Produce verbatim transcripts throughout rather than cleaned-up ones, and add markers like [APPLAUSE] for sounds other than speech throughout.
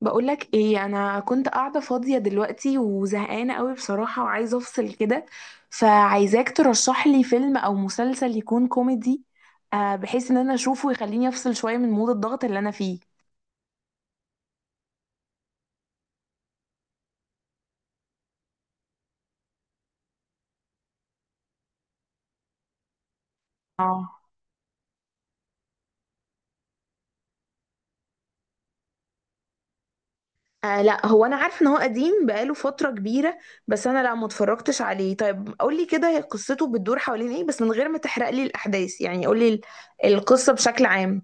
بقولك ايه، انا كنت قاعده فاضيه دلوقتي وزهقانه قوي بصراحه وعايزه افصل كده. فعايزاك ترشح لي فيلم او مسلسل يكون كوميدي، آه، بحيث ان انا اشوفه ويخليني افصل شويه من مود الضغط اللي انا فيه. اه. آه لا، هو انا عارف ان هو قديم بقاله فترة كبيرة، بس انا لا ما اتفرجتش عليه. طيب قولي كده، هي قصته بتدور حوالين ايه بس من غير ما تحرق لي الاحداث؟ يعني قولي ال- القصة بشكل عام.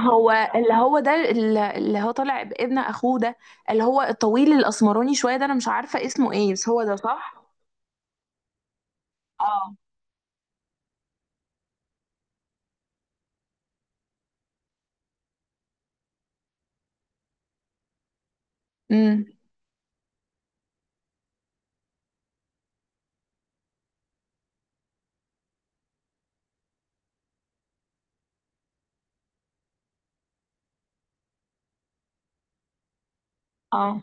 هو اللي هو ده، اللي هو طالع بابن اخوه ده، اللي هو الطويل الاسمراني شويه ده، انا مش عارفه اسمه ايه بس هو ده صح؟ اه. امم. اه.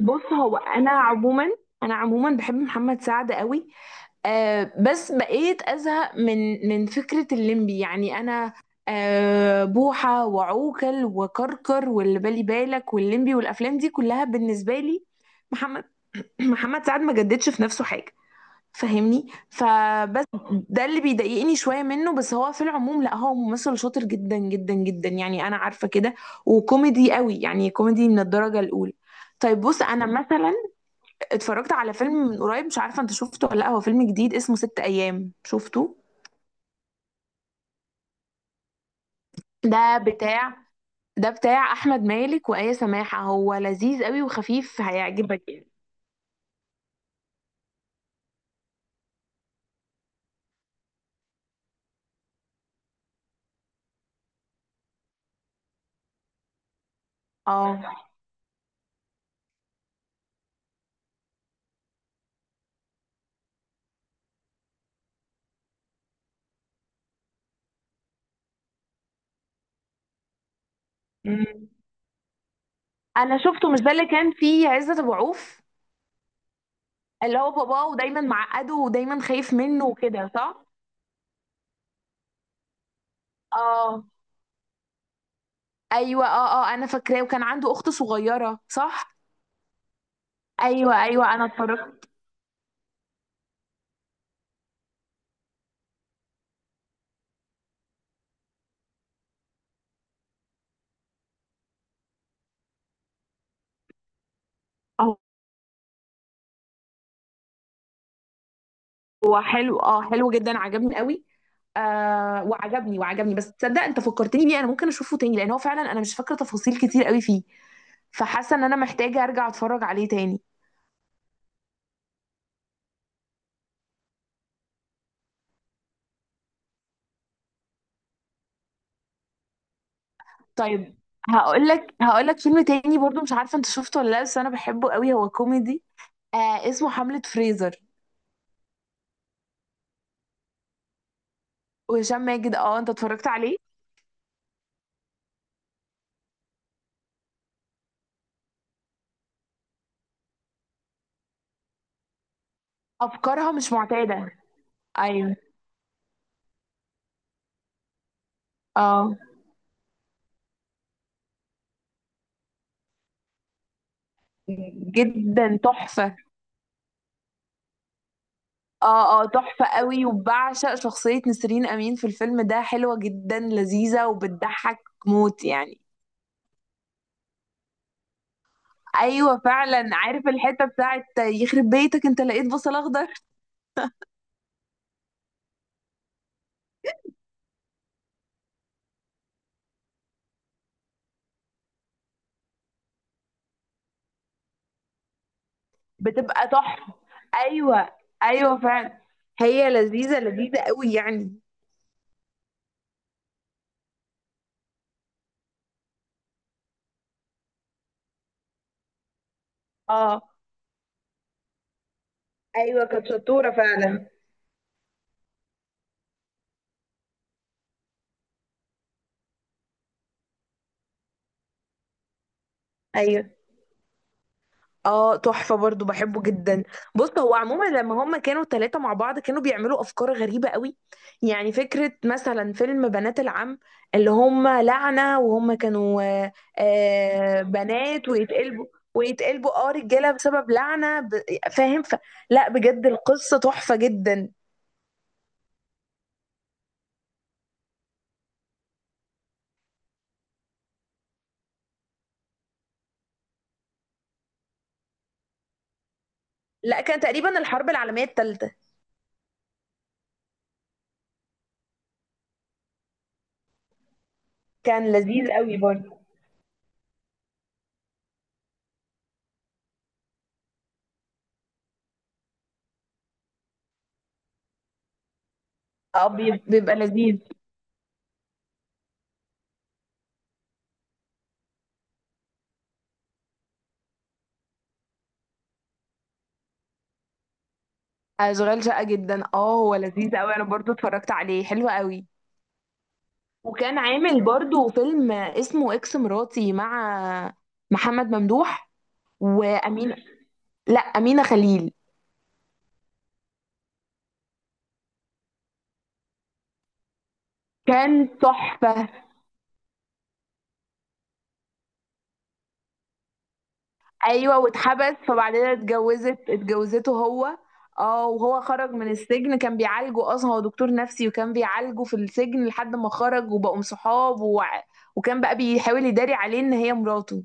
بص، هو انا عموما، انا عموما بحب محمد سعد قوي. آه بس بقيت ازهق من من فكره الليمبي، يعني انا آه بوحه وعوكل وكركر واللي بالي بالك والليمبي والافلام دي كلها. بالنسبه لي محمد [CLEARS THROAT] محمد سعد ما جددش في نفسه حاجه، فاهمني؟ فبس ده اللي بيضايقني شويه منه، بس هو في العموم لا، هو ممثل شاطر جدا جدا جدا يعني، انا عارفه كده، وكوميدي قوي، يعني كوميدي من الدرجه الاولى. طيب بص، انا مثلا اتفرجت على فيلم من قريب، مش عارفه انت شفته ولا لا، هو فيلم جديد اسمه ست ايام، شفته؟ ده بتاع، ده بتاع احمد مالك وآية سماحه، هو لذيذ قوي وخفيف، هيعجبك يعني. اه. أمم. انا شفته، مش ده اللي كان فيه عزت ابو عوف، اللي هو باباه ودايما معقده ودايما خايف منه وكده صح؟ اه. ايوه اه اه، انا فاكراه، وكان عنده اخت صغيره صح؟ ايوه ايوه، انا اتفرجت. آه، هو حلو، اه حلو جدا، عجبني قوي. آه وعجبني وعجبني بس تصدق انت فكرتني بيه، انا ممكن اشوفه تاني لان هو فعلا انا مش فاكره تفاصيل كتير قوي فيه، فحاسه ان انا محتاجه ارجع اتفرج عليه تاني. طيب هقول لك هقول لك فيلم تاني برضو، مش عارفه انت شفته ولا لا، بس انا بحبه قوي، هو كوميدي، آه اسمه حملة فريزر. وهشام ماجد، اه انت اتفرجت عليه؟ افكارها مش معتاده، ايوه. اه جدا، تحفه. اه اه تحفه قوي، وبعشق شخصيه نسرين امين في الفيلم ده، حلوه جدا لذيذه وبتضحك موت يعني. ايوه فعلا، عارف الحته بتاعت يخرب بيتك انت لقيت بصل اخضر؟ بتبقى تحفه. ايوه ايوه فعلا، هي لذيذه لذيذه قوي يعني. اه ايوه، كانت شطوره فعلا. ايوه اه، تحفة برضو، بحبه جدا. بص هو عموما لما هما كانوا ثلاثة مع بعض كانوا بيعملوا أفكار غريبة قوي، يعني فكرة مثلا فيلم بنات العم، اللي هما لعنة وهما كانوا آه آه، بنات ويتقلبوا، ويتقلبوا اه رجالة بسبب لعنة ب... فاهم ف... لا بجد القصة تحفة جدا. لا، كان تقريبا الحرب العالمية الثالثة. كان لذيذ قوي برضو. اه بي- بيبقى لذيذ. اشغال شقة جدا اه، هو لذيذ قوي، انا برضو اتفرجت عليه حلو قوي. وكان عامل برضو فيلم اسمه اكس مراتي مع محمد ممدوح. وأمينة، لا أمينة خليل، كان تحفة. أيوة، واتحبس، فبعد كده اتجوزت، اتجوزته هو. اه، وهو خرج من السجن، كان بيعالجه أصلا، هو دكتور نفسي وكان بيعالجه في السجن لحد ما خرج وبقوا صحاب و... وكان بقى بيحاول يداري عليه إن هي مراته.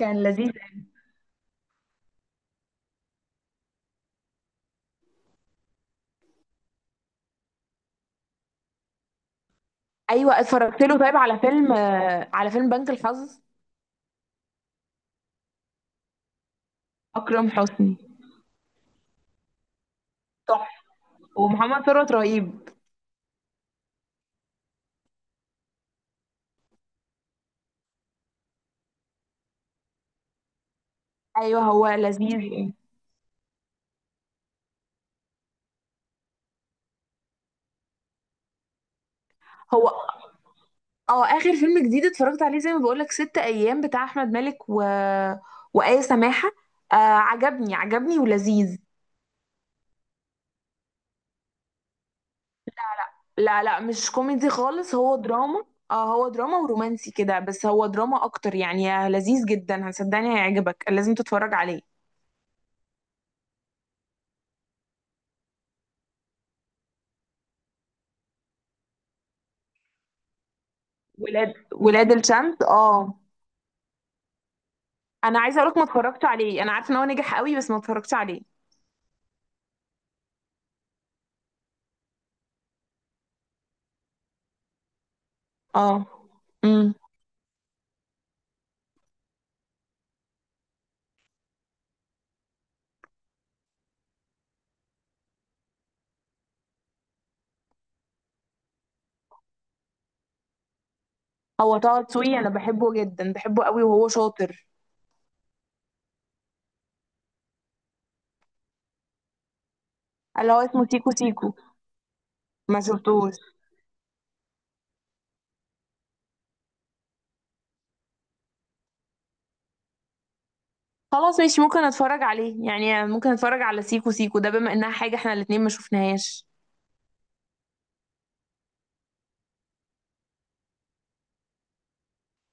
كان لذيذ. أيوة اتفرجت له. طيب على فيلم آه، على فيلم بنك الحظ؟ أكرم حسني تحفة، ومحمد ثروت رهيب. ايوه هو لذيذ إيه. هو اه، اخر فيلم جديد اتفرجت عليه زي ما بقولك ست ايام بتاع احمد مالك و... وآية سماحة. آه، عجبني، عجبني ولذيذ. لا لا، مش كوميدي خالص، هو دراما. اه، هو دراما ورومانسي كده، بس هو دراما اكتر يعني. آه، لذيذ جدا، هصدقني هيعجبك، لازم تتفرج عليه. ولاد ولاد الشمس اه. انا عايزه اقولك ما اتفرجتش عليه، انا عارفه ان هو نجح قوي بس ما اتفرجتش عليه. اه. امم. هو طه دسوقي انا بحبه جدا، بحبه قوي، وهو شاطر. اللي هو اسمه سيكو سيكو، ما شفتوش. خلاص ماشي، ممكن اتفرج عليه يعني، ممكن اتفرج على سيكو سيكو ده، بما انها حاجة احنا الاتنين ما شفناهاش.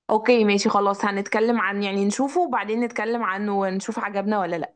اوكي ماشي خلاص، هنتكلم عن، يعني نشوفه وبعدين نتكلم عنه ونشوف عجبنا ولا لا.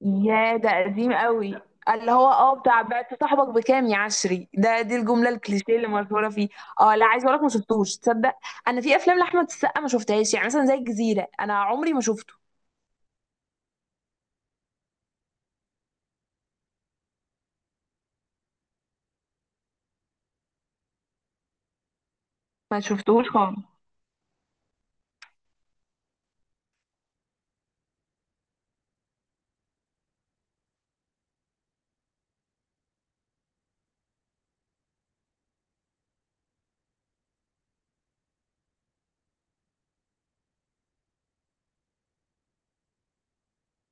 يا ده قديم قوي. اللي هو اه بتاع بعت صاحبك بكام يا عشري ده، دي الجملة الكليشيه اللي مشهورة فيه. اه لا، عايز اقولك ما شفتوش تصدق، انا في افلام لاحمد السقا ما شفتهاش، يعني مثلا زي الجزيرة انا عمري ما شفته. ما شفتهوش خالص.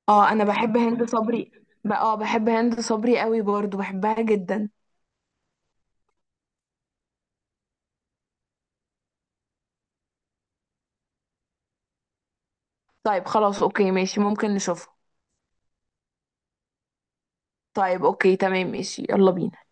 اه انا بحب هند صبري، ب- اه بحب هند صبري قوي برضو، بحبها جدا. طيب خلاص اوكي ماشي، ممكن نشوفها. طيب اوكي تمام ماشي، يلا بينا.